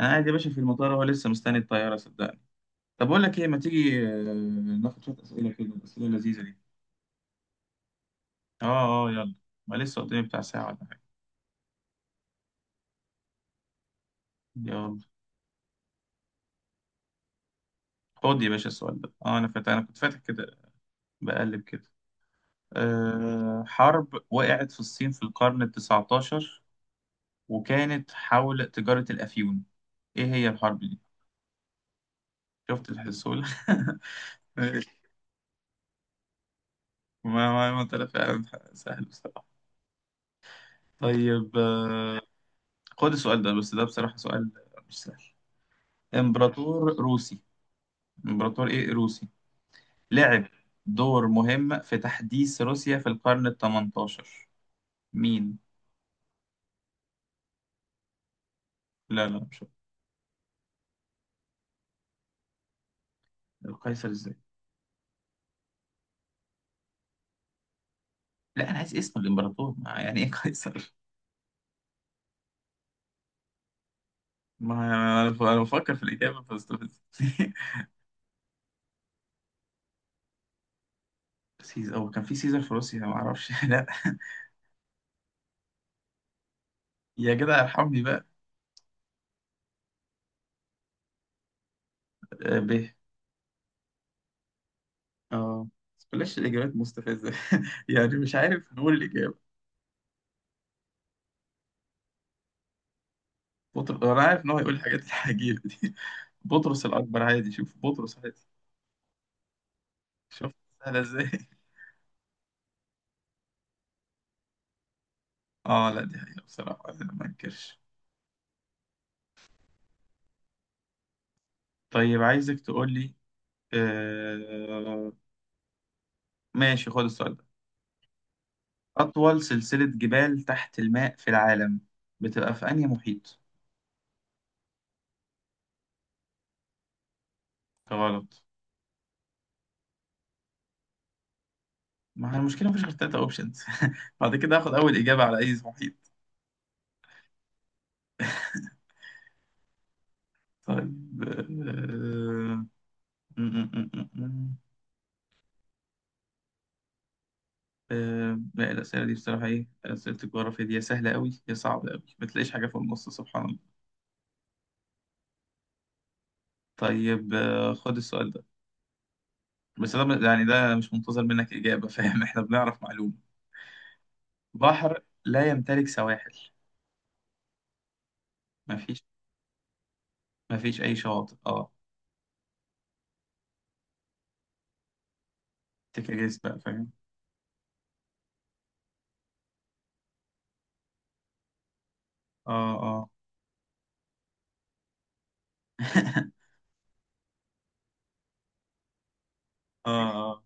انا قاعد يا باشا في المطار، اهو لسه مستني الطياره، صدقني. طب اقول لك ايه، ما تيجي ناخد شويه اسئله كده، الاسئله اللذيذه دي. اه، اه يلا. ما لسه قدامي بتاع ساعه ولا حاجه. يلا. خد يا باشا السؤال ده. اه، انا كنت فاتح كده، بقلب كده. حرب وقعت في الصين في القرن ال 19 وكانت حول تجاره الافيون، ايه هي الحرب دي؟ شفت الحسول ماشي. ما طلع فعلا سهل بصراحه. طيب خد السؤال ده، بس ده بصراحه سؤال مش سهل. امبراطور روسي، امبراطور ايه روسي لعب دور مهم في تحديث روسيا في القرن ال 18. مين؟ لا لا مش هو. القيصر ازاي؟ لا، انا عايز اسم الامبراطور، ما يعني ايه قيصر. ما انا أنا بفكر في الاجابه فاستفز سيزر؟ هو كان في سيزر في روسيا؟ ما اعرفش لا. يا جدع ارحمني بقى. ب. اه، بس بلاش الاجابات مستفزه يعني مش عارف نقول الاجابه. انا عارف ان هو هيقول الحاجات العجيبه دي بطرس الاكبر عادي. شوف بطرس. شوف سهلة ازاي اه، لا دي حقيقة بصراحة أنا ما انكرش. طيب عايزك تقول لي. آه... ماشي، خد السؤال ده. أطول سلسلة جبال تحت الماء في العالم بتبقى في أنهي محيط؟ غلط. ما هي المشكلة مفيش غير تلاتة أوبشنز بعد كده هاخد أول إجابة على أي محيط. طيب. آه... م- م- م- م- م. لا الأسئلة دي بصراحة، إيه أسئلة الجغرافيا دي، يا سهلة أوي يا صعبة أوي، ما تلاقيش حاجة في النص، سبحان الله. طيب خد السؤال ده، بس ده يعني ده مش منتظر منك إجابة، فاهم، إحنا بنعرف معلومة. بحر لا يمتلك سواحل. مفيش مفيش أي شاطئ. أه. تكريس بقى فاهم. أه، أه أه، أه.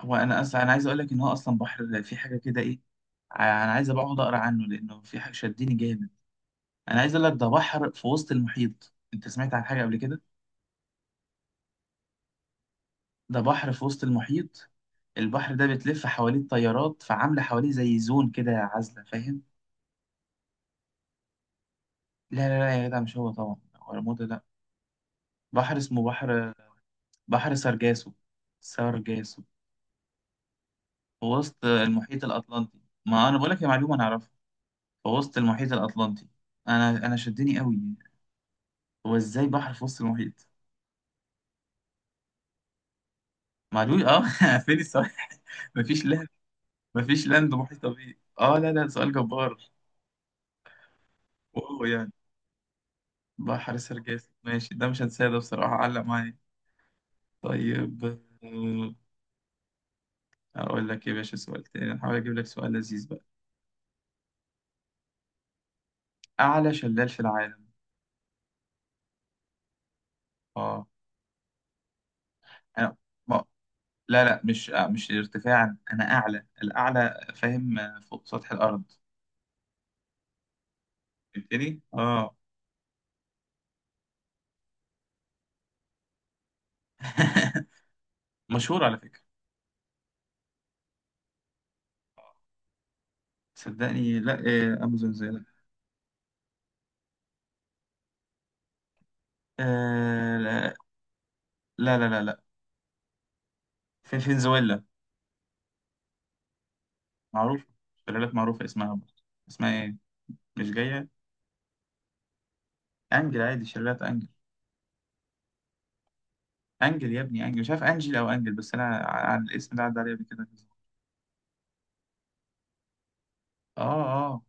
هو أنا أصلا، عايز أقول لك إن هو أصلا بحر في حاجة كده إيه. أنا عايز أبقى أقعد أقرأ عنه لأنه في حاجة شدني جامد. أنا عايز أقول لك، ده بحر في وسط المحيط. أنت سمعت عن حاجة قبل كده؟ ده بحر في وسط المحيط. البحر ده بتلف حواليه التيارات، فعاملة حواليه زي زون كده عازلة، فاهم. لا لا لا يا جدع، مش هو طبعا، ولا مود. بحر اسمه بحر. بحر سرجاسو. سرجاسو. في وسط المحيط الأطلنطي. ما أنا بقول لك، يا معلومة أنا أعرفها. في وسط المحيط الأطلنطي. أنا شدني قوي. هو إزاي بحر في وسط المحيط؟ معلوم أه فين السؤال؟ مفيش لاند. مفيش لاند محيط بيه أه. لا لا، سؤال جبار. واو يعني. بحر سرجاسو، ماشي، ده مش هنساه، ده بصراحة علق معايا. طيب آه، أقول لك إيه يا باشا، سؤال تاني أحاول أجيب لك سؤال لذيذ بقى. أعلى شلال في العالم. أه. أنا- لا لا مش مش ارتفاعا انا، اعلى الاعلى، فاهم، فوق سطح الارض. فهمتني اه مشهور على فكره. صدقني لا، امازون زي، لا. لا لا لا لا لا. في فنزويلا. معروف. شلالات معروفه اسمها برضه. اسمها ايه، مش جايه. انجل عادي، شلالات انجل. انجل يا ابني، انجل، مش عارف انجل او انجل. بس انا عن الاسم ده عدى عليا قبل كده. اه، اه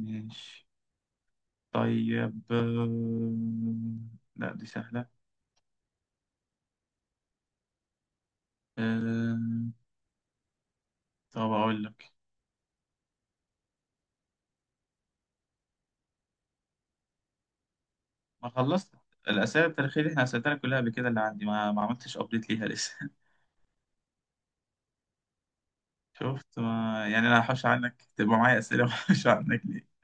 ماشي. طيب لا دي سهله. آه. طب أقول لك. ما خلصت الأسئلة التاريخية اللي إحنا أسئلتها لك كلها قبل كده، اللي عندي ما عملتش أبديت ليها لسه شفت ما... يعني أنا هحوش عنك تبقى معايا أسئلة وهحوش عنك ليه.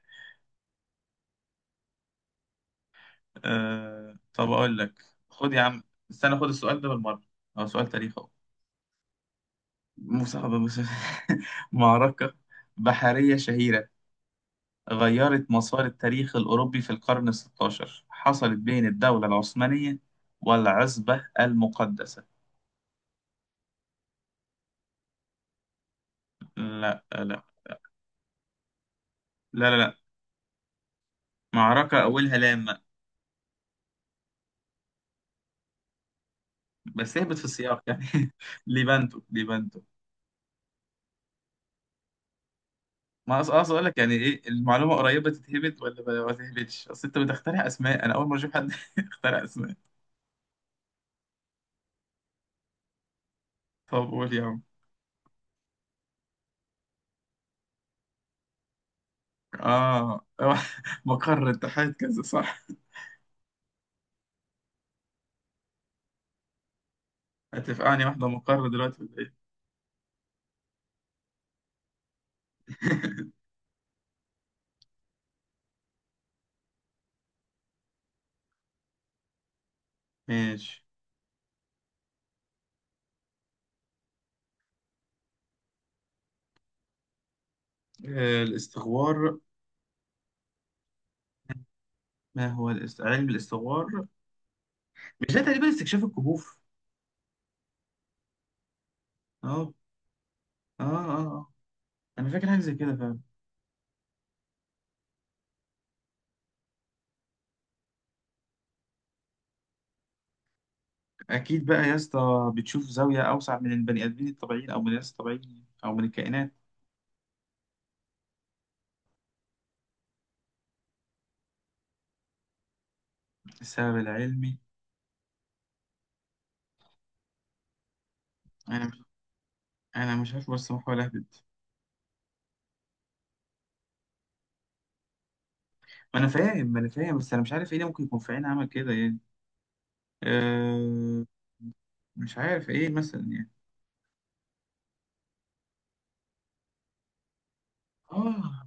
طب أقول لك. خد يا عم، استنى، خد السؤال ده بالمرة. هو سؤال تاريخ أهو. مسابقة معركة بحرية شهيرة غيرت مسار التاريخ الأوروبي في القرن الستاشر، حصلت بين الدولة العثمانية والعزبة المقدسة. لا لا لا لا لا، معركة أولها لام. بس اهبط في السياق يعني ليبانتو، ليبانتو. ما أص- اقصد اقول لك يعني ايه، المعلومه قريبه تتهبط ولا ما تتهبطش، اصل انت بتخترع اسماء، انا اول مره اشوف حد يخترع اسماء. طب قول يا عم اه مقر اتحاد كذا صح؟ هتفقعني واحده مقر دلوقتي ولا ايه ماشي. الاستغوار. ما هو علم الاستغوار. مش ده تقريبا استكشاف الكهوف؟ اه، اه اه آه. انا فاكر حاجه زي كده. اكيد بقى يا اسطى بتشوف زاويه اوسع من البني ادمين الطبيعيين او من الناس الطبيعيين او من الكائنات. السبب العلمي؟ انا مش انا مش عارف، بس بحاول اهبد. ما انا فاهم ما انا فاهم، بس انا مش عارف ايه اللي ممكن يكون في عين عمل كده يعني. أه. مش عارف ايه مثلا يعني. اه،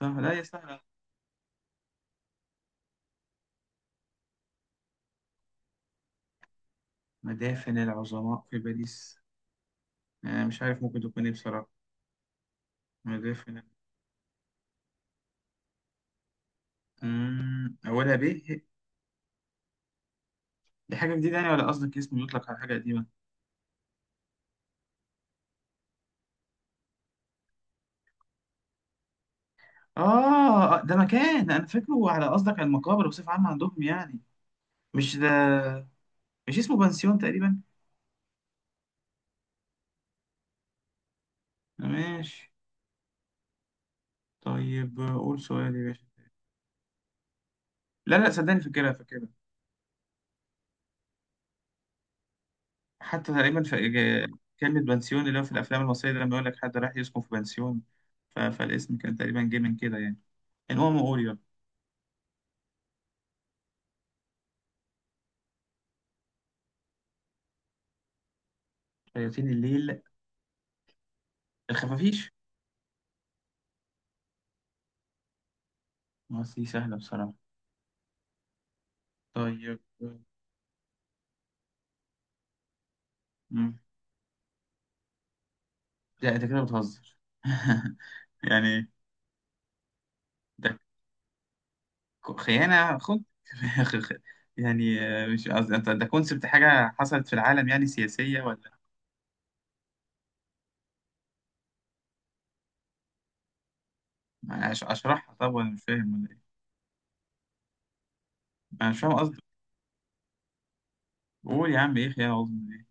صح، لا يا سهله. مدافن العظماء في باريس، انا مش عارف ممكن تكون ايه بصراحه. مدافن. اولها ب. دي حاجه جديده يعني ولا قصدك اسم يطلق على حاجه قديمه. اه، ده مكان انا فاكره، على قصدك على المقابر بصفة عامة عندهم يعني. مش ده. مش اسمه بنسيون تقريبا؟ ماشي. طيب قول سؤال يا باشا. لا لا صدقني فاكرها فاكرها. حتى تقريبا في كلمة بنسيون اللي هو في الأفلام المصرية، ده لما يقول لك حد راح يسكن في بنسيون. فالاسم كان تقريبا جه من كده يعني. المهم قول يلا. شياطين الليل. الخفافيش. ما دي سهلة بصراحة. طيب. مم. لا أنت كده بتهزر يعني. خيانة خد يعني مش قصدي انت، ده كونسبت حاجة حصلت في العالم يعني سياسية ولا. اشرحها طب، ولا مش فاهم ولا ايه. انا مش فاهم قصدك. قول يا عم، ايه خيانة عظمى دي.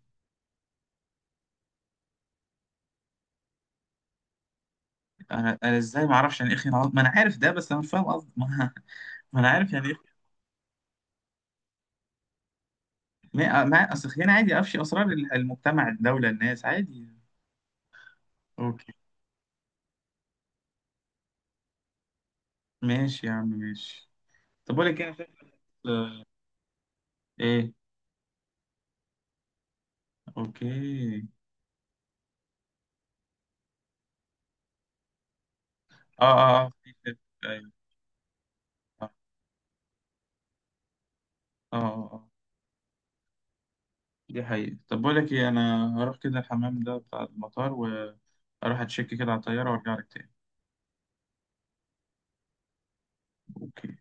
انا ازاي ما اعرفش يعني ايه خيانة عظمى، ما انا عارف ده، بس انا مش فاهم قصدك. ما انا عارف يعني ايه. اصل خيانة عادي افشي اسرار المجتمع الدولة الناس عادي. اوكي ماشي يا عم ماشي. طب اقول لك إيه، انا شايف. ايه؟ اوكي. اه اه اه في فيلم. ايوه. اه، اه آه. دي حقيقة. طب بقول لك ايه، انا هروح كده الحمام ده بتاع المطار واروح اتشيك كده على الطيارة وارجع لك تاني. اوكي.